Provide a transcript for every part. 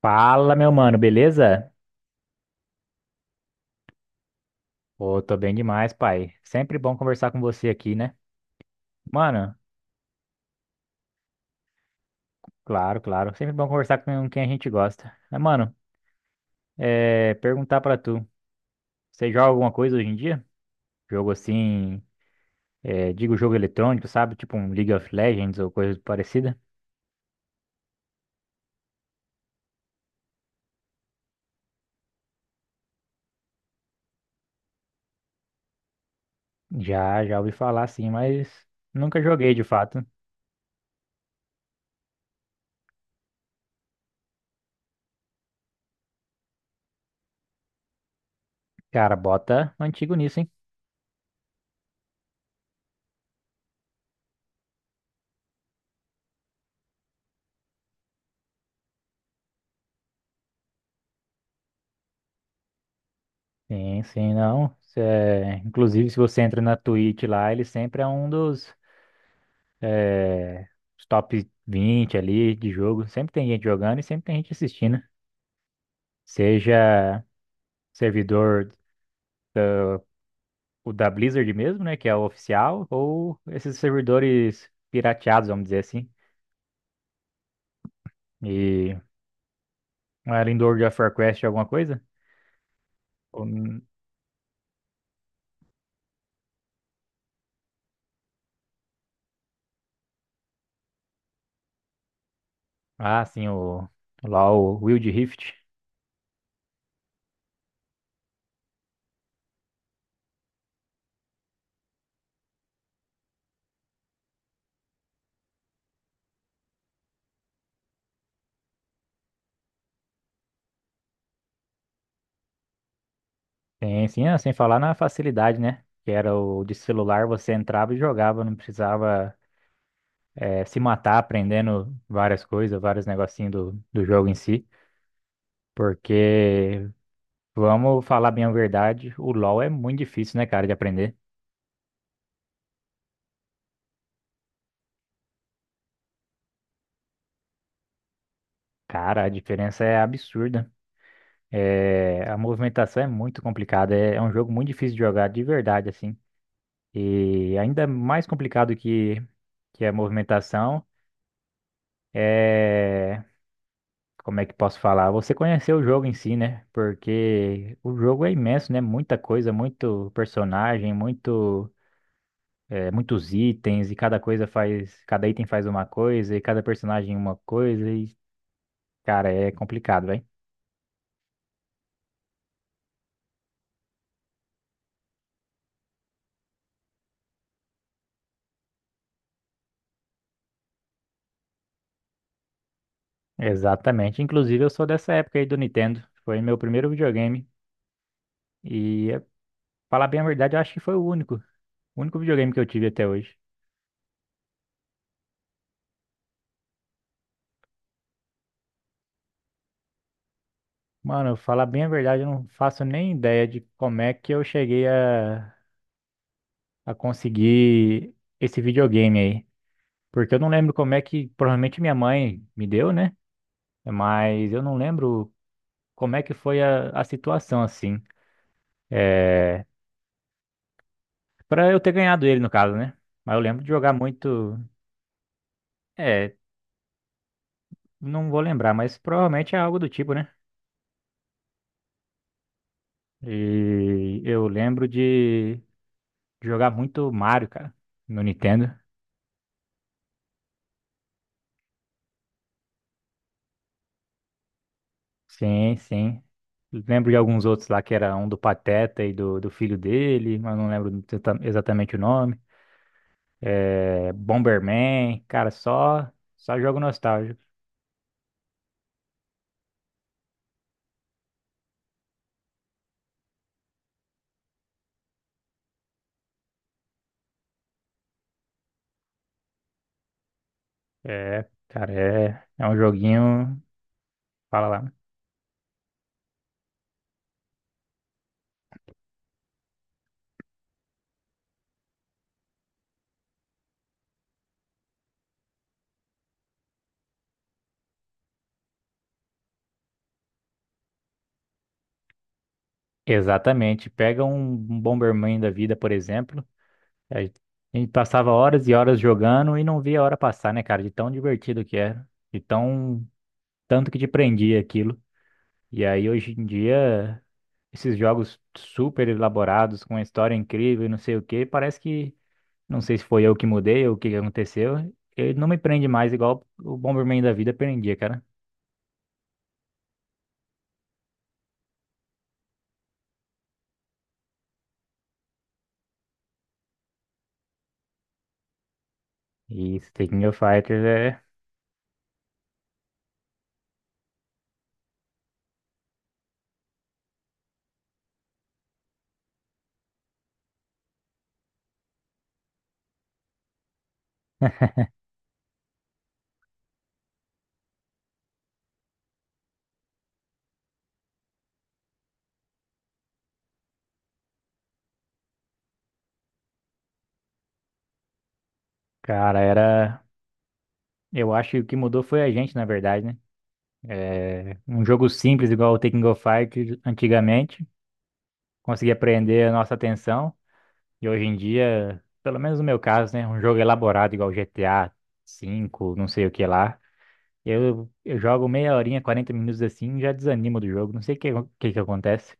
Fala, meu mano, beleza? Pô, tô bem demais, pai. Sempre bom conversar com você aqui, né? Mano, claro, claro. Sempre bom conversar com quem a gente gosta. Mas, mano, perguntar pra tu, você joga alguma coisa hoje em dia? Jogo assim, digo jogo eletrônico, sabe? Tipo um League of Legends ou coisa parecida? Já ouvi falar assim, mas nunca joguei de fato. Cara, bota um antigo nisso, hein? Sim, sim, não. Inclusive, se você entra na Twitch lá, ele sempre é um dos os top 20 ali de jogo. Sempre tem gente jogando e sempre tem gente assistindo. Seja servidor, o da Blizzard mesmo, né, que é o oficial, ou esses servidores pirateados, vamos dizer assim. E além do World of Warcraft alguma coisa? Ou, ah, sim, o Wild Rift. Sim, sim, ah, sem falar na facilidade, né? Que era o de celular, você entrava e jogava, não precisava se matar aprendendo várias coisas, vários negocinhos do jogo em si. Porque, vamos falar bem a verdade, o LoL é muito difícil, né, cara, de aprender. Cara, a diferença é absurda. É, a movimentação é muito complicada. É um jogo muito difícil de jogar, de verdade, assim. E ainda mais complicado que a movimentação é. Como é que posso falar? Você conhecer o jogo em si, né? Porque o jogo é imenso, né? Muita coisa, muito personagem, muito. Muitos itens e cada coisa faz, cada item faz uma coisa e cada personagem uma coisa e, cara, é complicado, velho. Exatamente. Inclusive, eu sou dessa época aí do Nintendo. Foi meu primeiro videogame e, falar bem a verdade, eu acho que foi o único videogame que eu tive até hoje. Mano, falar bem a verdade, eu não faço nem ideia de como é que eu cheguei a conseguir esse videogame aí. Porque eu não lembro como é que, provavelmente minha mãe me deu, né? Mas eu não lembro como é que foi a situação, assim. É, para eu ter ganhado ele, no caso, né? Mas eu lembro de jogar muito. É, não vou lembrar, mas provavelmente é algo do tipo, né? E eu lembro de jogar muito Mario, cara, no Nintendo. Sim, sim. Lembro de alguns outros lá que era um do Pateta e do filho dele, mas não lembro exatamente o nome. É, Bomberman, cara, só jogo nostálgico. É, cara, é um joguinho. Fala lá. Exatamente. Pega um Bomberman da vida, por exemplo. A gente passava horas e horas jogando e não via a hora passar, né, cara? De tão divertido que era. Tanto que te prendia aquilo. E aí, hoje em dia, esses jogos super elaborados, com uma história incrível e não sei o quê, parece que. Não sei se foi eu que mudei ou o que que aconteceu. Ele não me prende mais igual o Bomberman da vida prendia, cara. E esse King of Fighters é. Cara, era. Eu acho que o que mudou foi a gente, na verdade, né? É, um jogo simples, igual o Tekken of Fighters antigamente, conseguia prender a nossa atenção. E hoje em dia, pelo menos no meu caso, né? Um jogo elaborado, igual GTA 5 não sei o que lá. Eu jogo meia horinha, 40 minutos assim, já desanimo do jogo. Não sei o que que acontece.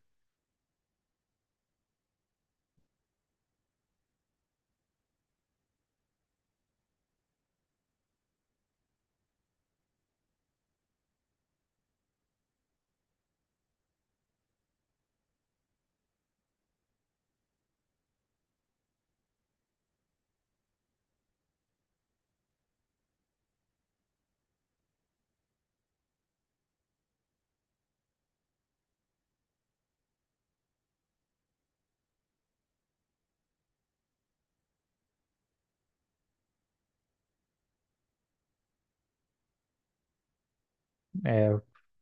É,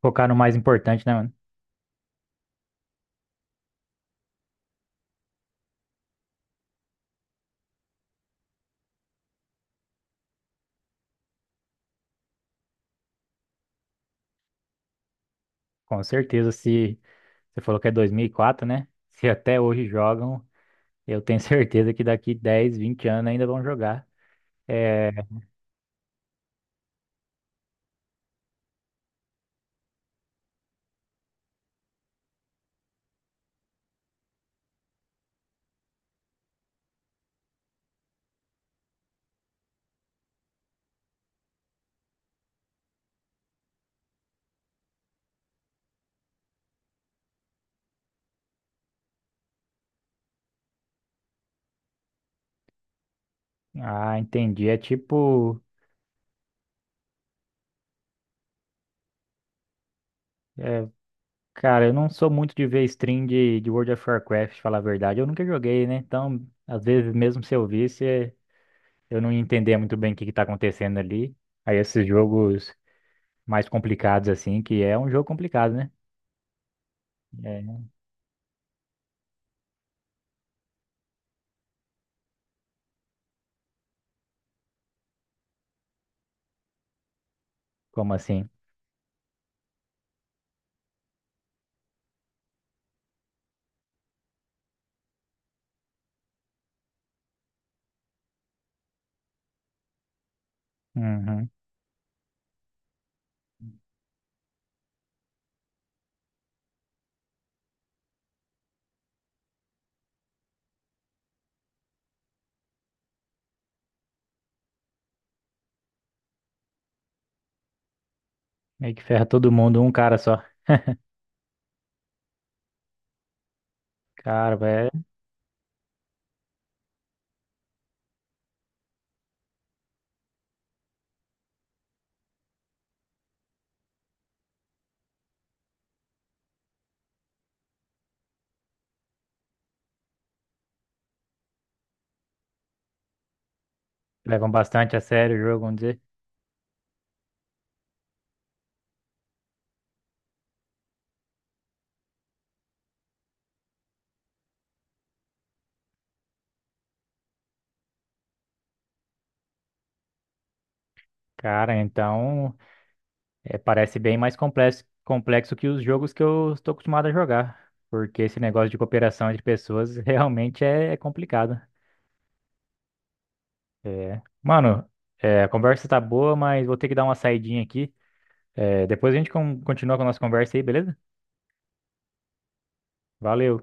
focar no mais importante, né, mano? Com certeza, se você falou que é 2004, né? Se até hoje jogam, eu tenho certeza que daqui 10 20 anos ainda vão jogar. É. Ah, entendi. É tipo. é, Cara, eu não sou muito de ver stream de World of Warcraft, falar a verdade. Eu nunca joguei, né? Então, às vezes, mesmo se eu visse, eu não entendia muito bem o que que tá acontecendo ali. Aí, esses jogos mais complicados, assim, que é um jogo complicado, né? É, como assim? Uhum. Meio que ferra todo mundo, um cara só. Cara, é, levam bastante a sério o jogo, vamos dizer. Cara, então. É, parece bem mais complexo que os jogos que eu estou acostumado a jogar. Porque esse negócio de cooperação entre pessoas realmente é complicado. É. Mano, a conversa tá boa, mas vou ter que dar uma saidinha aqui. É, depois a gente continua com a nossa conversa aí, beleza? Valeu.